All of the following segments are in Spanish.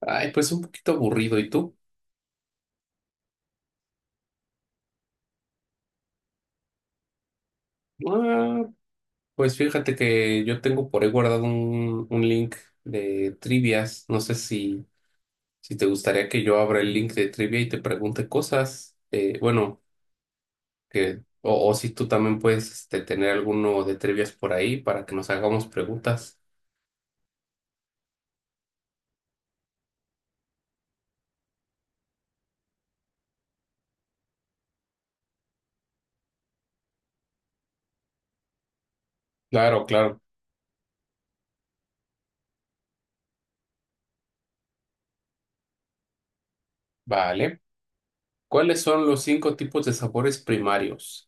Ay, pues un poquito aburrido. ¿Y tú? Ah, pues fíjate que yo tengo por ahí guardado un link de trivias. No sé si te gustaría que yo abra el link de trivia y te pregunte cosas. Bueno, que, o si tú también puedes este, tener alguno de trivias por ahí para que nos hagamos preguntas. Claro, claro. Vale. ¿Cuáles son los cinco tipos de sabores primarios?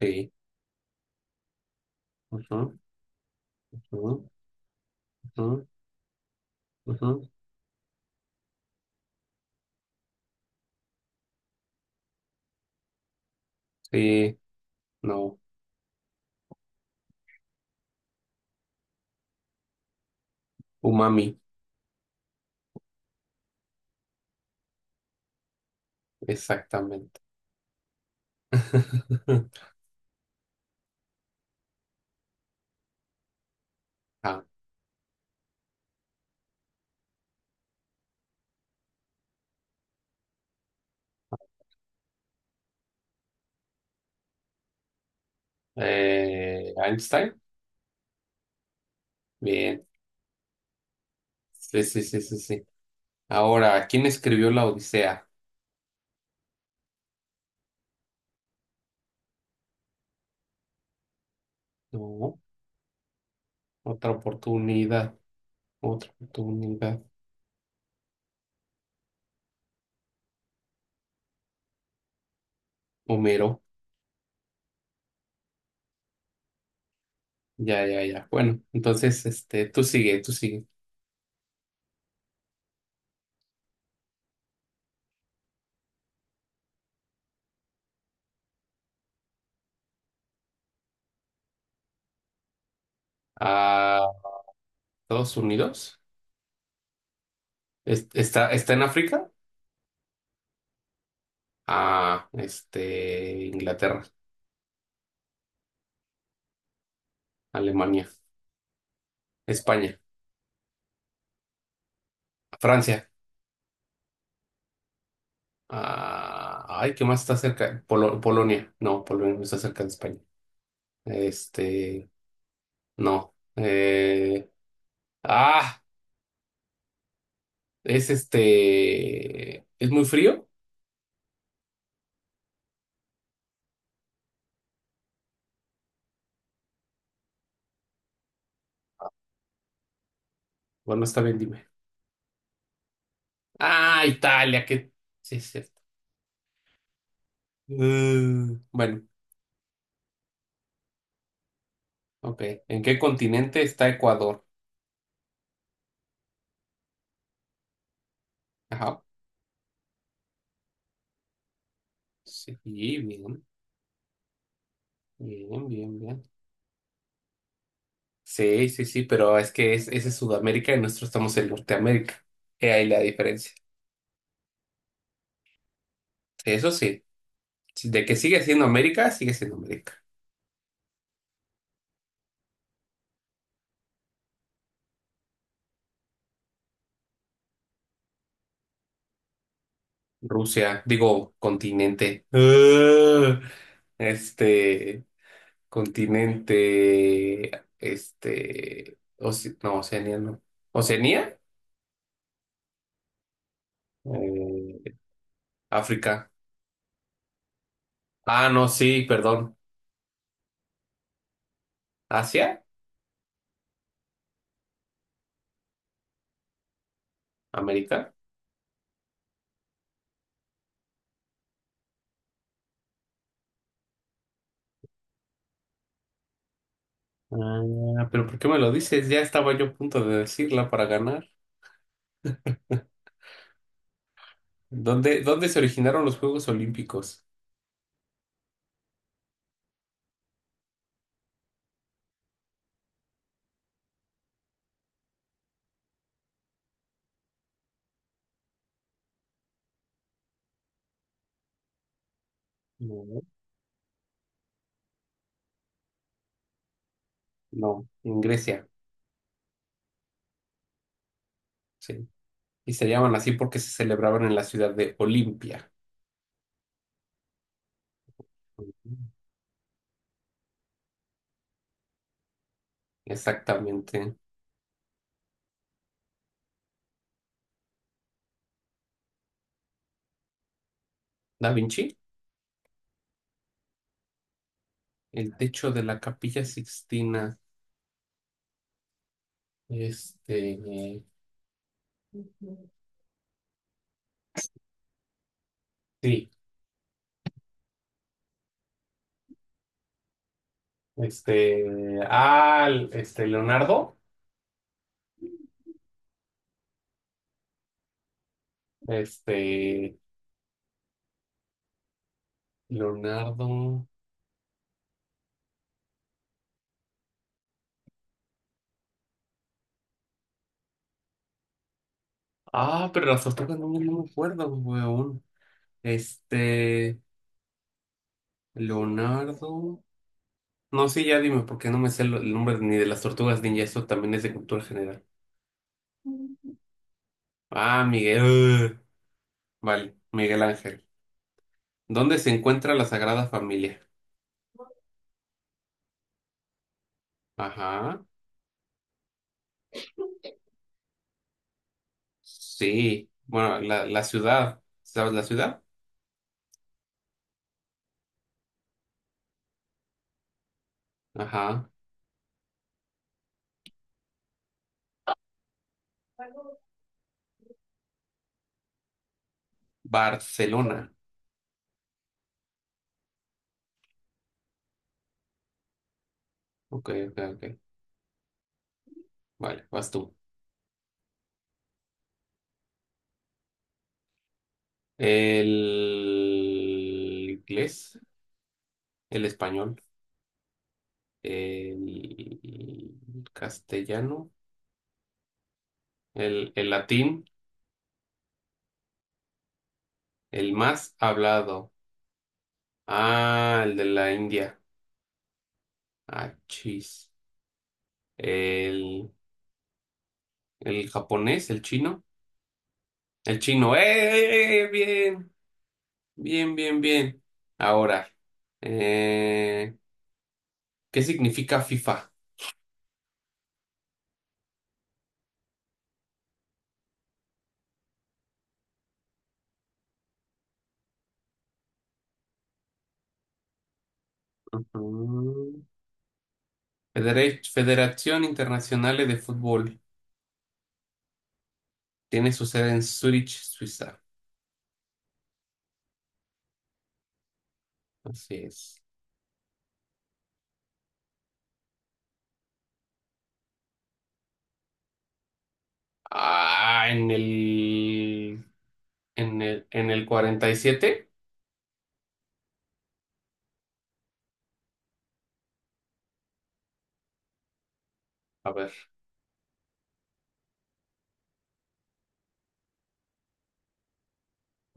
Sí. Ujú, ujú, ujú, ujú. Sí, no. Umami, exactamente. Ah, Einstein. Bien. Sí, sí, sí, sí, sí. Ahora, ¿quién escribió la Odisea? No, otra oportunidad, otra oportunidad. Homero. Ya, ya, ya. Bueno, entonces, este, tú sigue, tú sigue. Ah, Estados Unidos. ¿Está, está en África? Ah, este, Inglaterra, Alemania, España, Francia. Ah, ay, ¿qué más está cerca? Polonia. No, Polonia no está cerca de España. Este, no. Ah, es este. ¿Es muy frío? Bueno, está bien, dime. Ah, Italia, que. Sí, es cierto. Mm, bueno, ok. ¿En qué continente está Ecuador? Ajá. Sí, bien, bien, bien, bien. Sí, sí, sí, pero es que es, ese es Sudamérica y nosotros estamos en Norteamérica. He ahí la diferencia. Eso sí, de que sigue siendo América, sigue siendo América. Rusia, digo, continente. Este, continente, este, no, Oceanía, no. ¿Oceanía? Eh, África. Ah, no, sí, perdón. ¿Asia? ¿América? Ah, pero ¿por qué me lo dices? Ya estaba yo a punto de decirla para ganar. ¿Dónde se originaron los Juegos Olímpicos? No, no, en Grecia, sí. Y se llaman así porque se celebraban en la ciudad de Olimpia. Exactamente. Da Vinci, el techo de la Capilla Sixtina. Este, eh, sí, Leonardo, este, Leonardo, ah, pero las otras no, no me acuerdo, weón. Este, Leonardo, no, sí, ya dime, porque no me sé el nombre ni de las tortugas ninja, eso también es de cultura general. Ah, Miguel, ugh. Vale, Miguel Ángel. ¿Dónde se encuentra la Sagrada Familia? Ajá. Sí. Bueno, la ciudad. ¿Sabes la ciudad? Ajá. Barcelona. Ok, ok, ok. Vale, vas tú. El inglés, el español, el castellano, el latín, el más hablado. Ah, el de la India. Ah, chis. El, el japonés, el chino. El chino. ¡Eh! ¡Eh, eh! Bien. Bien, bien, bien. Ahora, eh, ¿qué significa FIFA? Mm. Federación Internacional de Fútbol. Tiene su sede en Zurich, Suiza. Así es. Ah, en el, en el 47. A ver.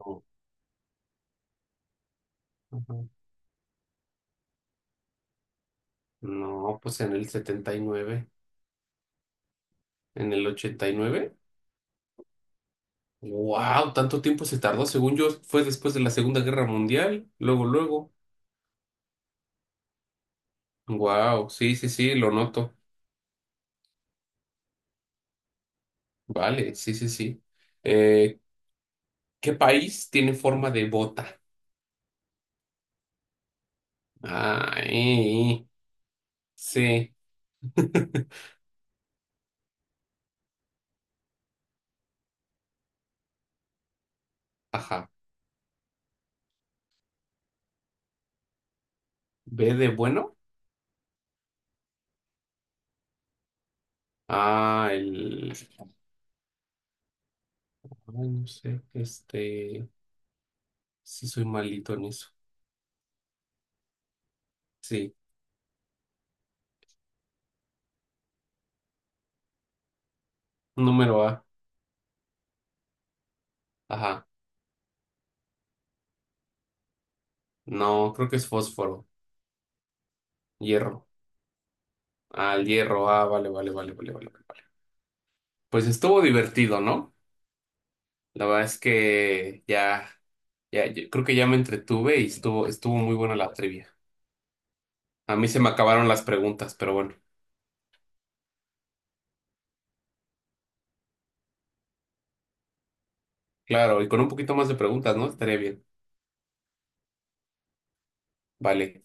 No, ajá. No, pues en el 79. En el 89. Wow, tanto tiempo se tardó. Según yo, fue después de la Segunda Guerra Mundial. Luego, luego. Wow, sí, sí, sí, lo noto. Vale, sí, sí, sí. Eh, ¿Qué país tiene forma de bota? Ah, sí. Ajá. ¿B de bueno? Ah, el... ay, no sé, este... Sí soy malito en eso. Sí. Número A. Ajá. No, creo que es fósforo. Hierro. Ah, el hierro. Ah, vale, vale, vale, vale, vale. Vale. Pues estuvo divertido, ¿no? La verdad es que ya, ya, yo creo que ya me entretuve y estuvo, estuvo muy buena la trivia. A mí se me acabaron las preguntas, pero bueno, claro, y con un poquito más de preguntas, ¿no? Estaría bien. Vale.